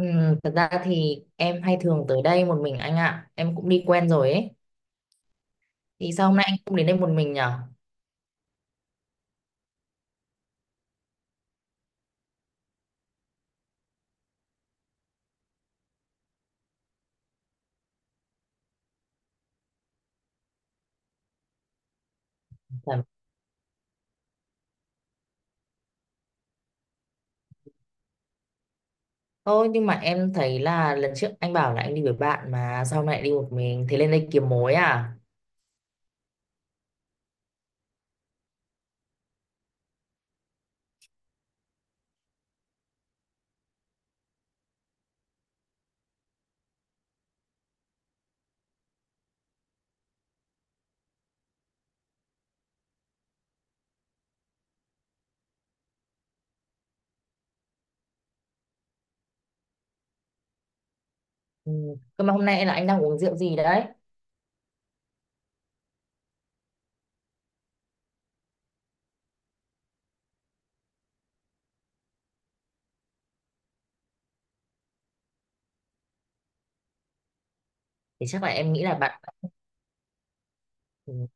Ừ, thật ra thì em hay thường tới đây một mình anh ạ. Em cũng đi quen rồi ấy. Thì sao hôm nay anh cũng đến đây một mình nhở? Phải- Thôi nhưng mà em thấy là lần trước anh bảo là anh đi với bạn. Mà sao hôm nay lại đi một mình? Thế lên đây kiếm mối à? Ừ. Cơ mà hôm nay là anh đang uống rượu gì đấy? Thì chắc là em nghĩ là bạn. Ừ.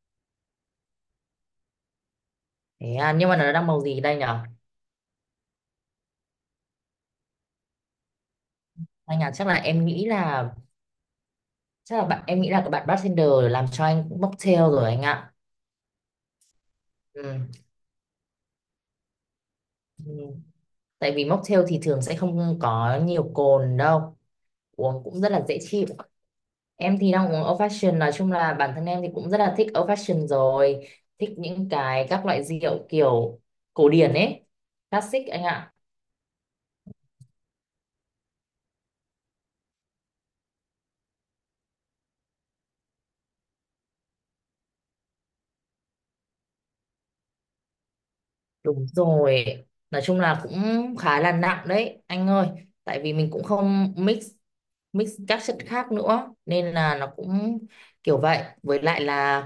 Thế à, nhưng mà nó đang màu gì đây nhở? Anh à, chắc là em nghĩ là, chắc là bạn em nghĩ là các bạn bartender làm cho anh mocktail rồi anh ạ. Ừ. Ừ. Tại vì mocktail thì thường sẽ không có nhiều cồn đâu, uống cũng rất là dễ chịu. Em thì đang uống old fashion, nói chung là bản thân em thì cũng rất là thích old fashion rồi, thích những cái các loại rượu kiểu cổ điển ấy, classic anh ạ. Đúng rồi, nói chung là cũng khá là nặng đấy anh ơi. Tại vì mình cũng không mix mix các chất khác nữa nên là nó cũng kiểu vậy. Với lại là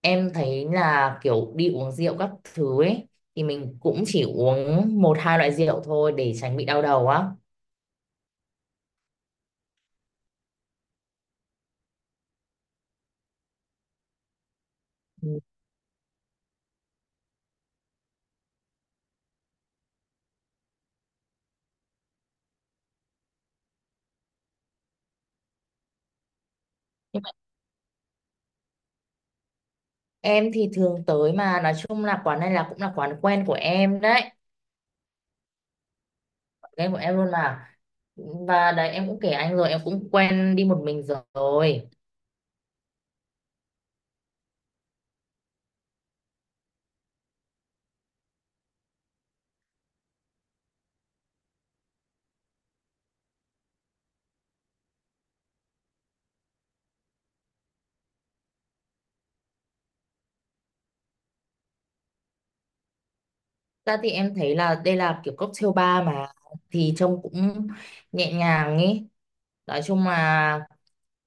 em thấy là kiểu đi uống rượu các thứ ấy thì mình cũng chỉ uống một hai loại rượu thôi để tránh bị đau đầu á. Ừ. Em thì thường tới, mà nói chung là quán này là cũng là quán quen của em đấy, quán quen của em luôn mà. Và đấy em cũng kể anh rồi, em cũng quen đi một mình rồi. Ra thì em thấy là đây là kiểu cocktail bar mà, thì trông cũng nhẹ nhàng ấy. Nói chung là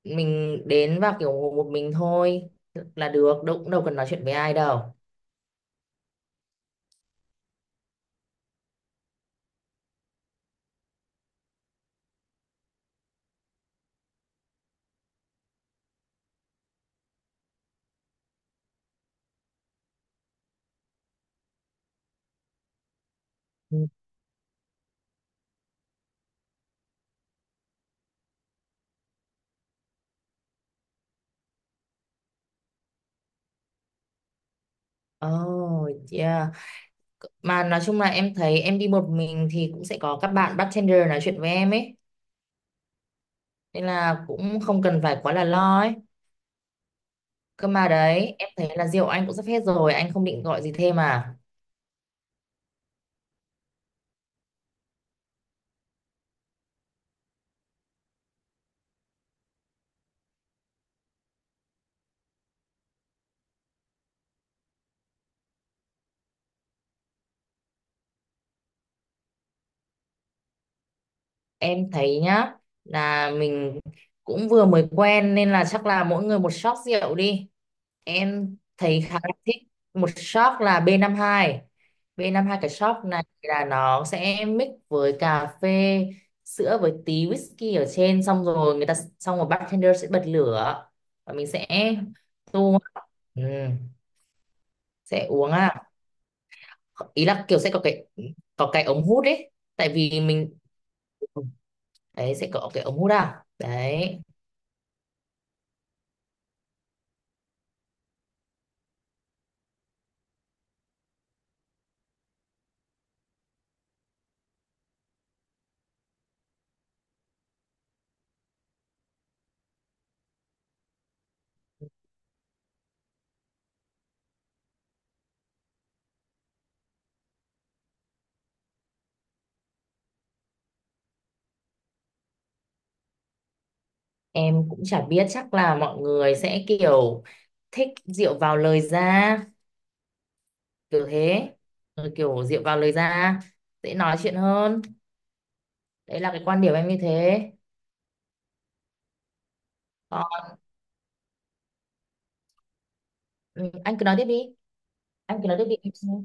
mình đến và kiểu ngồi một mình thôi là được, đâu cũng đâu cần nói chuyện với ai đâu. Ừ. Oh, yeah. Mà nói chung là em thấy em đi một mình thì cũng sẽ có các bạn bartender nói chuyện với em ấy, nên là cũng không cần phải quá là lo ấy. Cơ mà đấy em thấy là rượu anh cũng sắp hết rồi, anh không định gọi gì thêm à? Em thấy nhá, là mình cũng vừa mới quen nên là chắc là mỗi người một shot rượu đi, em thấy khá là thích. Một shot là B52. B52 cái shot này là nó sẽ mix với cà phê sữa với tí whisky ở trên, xong rồi người ta, xong rồi bartender sẽ bật lửa và mình sẽ tu. Ừ, sẽ uống à, ý là kiểu sẽ có cái, có cái ống hút ấy, tại vì mình, đấy sẽ có cái ống hút à, đấy. Em cũng chả biết, chắc là mọi người sẽ kiểu thích rượu vào lời ra, kiểu thế. Ừ, kiểu rượu vào lời ra dễ nói chuyện hơn, đấy là cái quan điểm em như thế. Ờ, ừ, anh cứ nói tiếp đi, anh cứ nói tiếp đi em xin.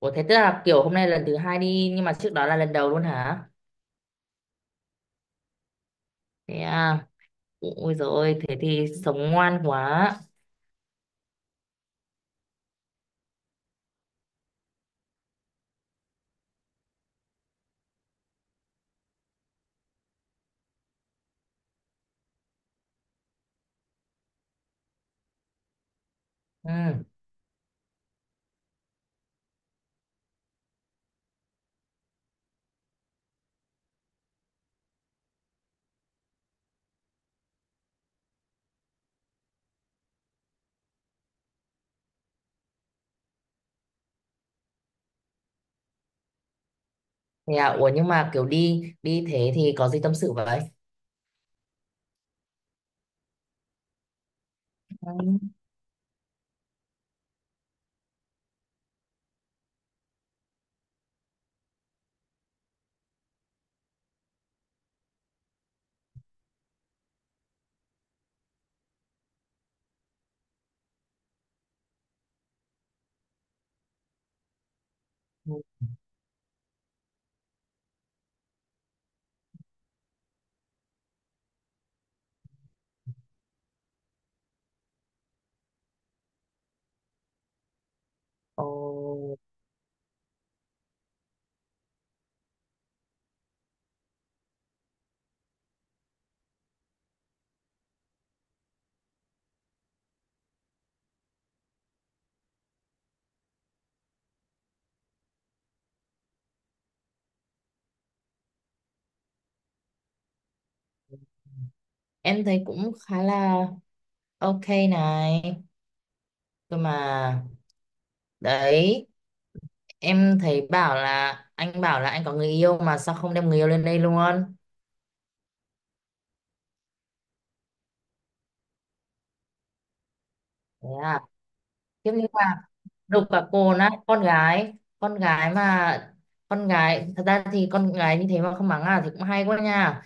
Ủa thế tức là kiểu hôm nay lần thứ hai đi, nhưng mà trước đó là lần đầu luôn hả? Thế à? Ôi rồi, thế thì sống ngoan quá. Ừ. Thế à? Ủa nhưng mà kiểu đi đi thế thì có gì tâm sự vậy? Vâng. Ồ. Em thấy cũng khá là ok này. Cơ mà đấy, em thấy bảo là anh có người yêu, mà sao không đem người yêu lên đây luôn? Thế à, tiếp như là đục cả cồn á, con gái mà, con gái thật ra thì con gái như thế mà không mắng à thì cũng hay quá nha.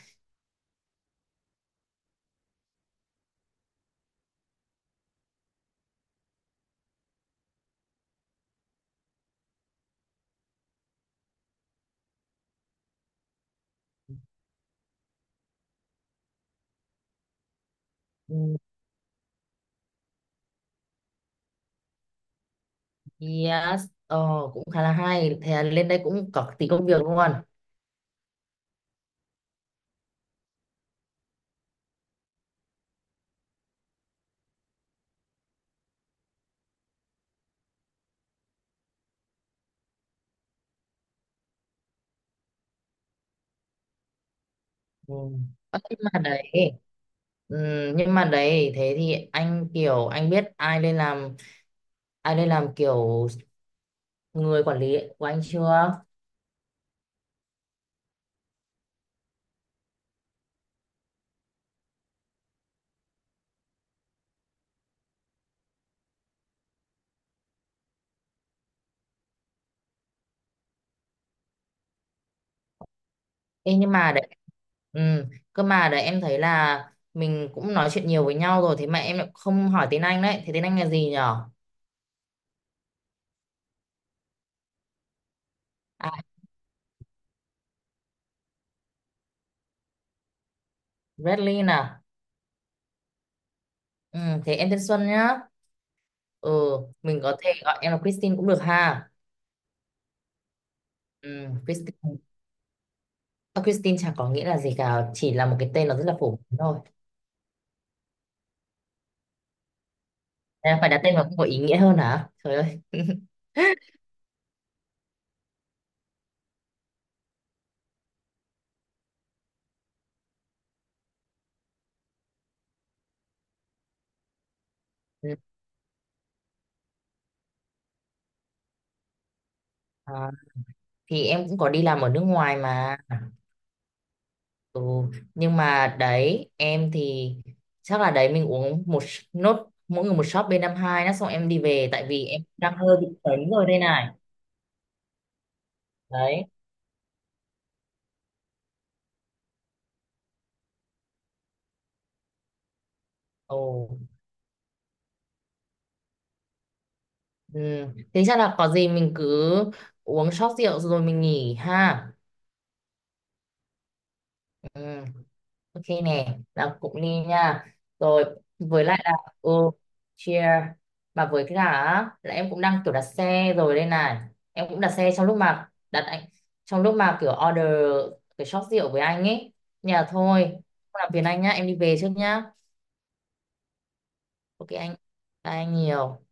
Ừ, yes, ờ, cũng khá là hay. Thế là lên đây cũng có tí công việc luôn. Ừ. Ờ, nhưng mà đấy, ừ, nhưng mà đấy thế thì anh kiểu anh biết ai lên làm, ai lên làm kiểu người quản lý của anh chưa? Ê, nhưng mà đấy, ừ, cơ mà đấy em thấy là mình cũng nói chuyện nhiều với nhau rồi, thế mà em lại không hỏi tên anh đấy, thế tên anh là gì nhở? À, Bradley nè. Ừ, thế em tên Xuân nhá. Ừ, mình có thể gọi em là Christine cũng được ha. Ừ, Christine. À, Christine chẳng có nghĩa là gì cả, chỉ là một cái tên nó rất là phổ biến thôi. À, phải đặt tên vào cũng có ý nghĩa hơn hả? Trời ơi. Ừ. Ờ, thì em cũng có đi làm ở nước ngoài mà. Ừ. Nhưng mà đấy, em thì chắc là đấy mình uống nốt mỗi người một shot b hai đó xong em đi về, tại vì em đang hơi bị sấn rồi đây này. Đấy. Ồ. Ừ. Thế chắc là có gì mình cứ uống shot rượu rồi mình nghỉ ha. Ừ. Ok nè, là cụng ly nha. Rồi, với lại là, ừ, cheer. Mà với cái cả á, là em cũng đang kiểu đặt xe rồi đây này. Em cũng đặt xe trong lúc mà đặt anh, trong lúc mà kiểu order cái shop rượu với anh ấy. Nhà thôi. Không làm phiền anh nhá, em đi về trước nhá. Ok anh. Bye anh nhiều.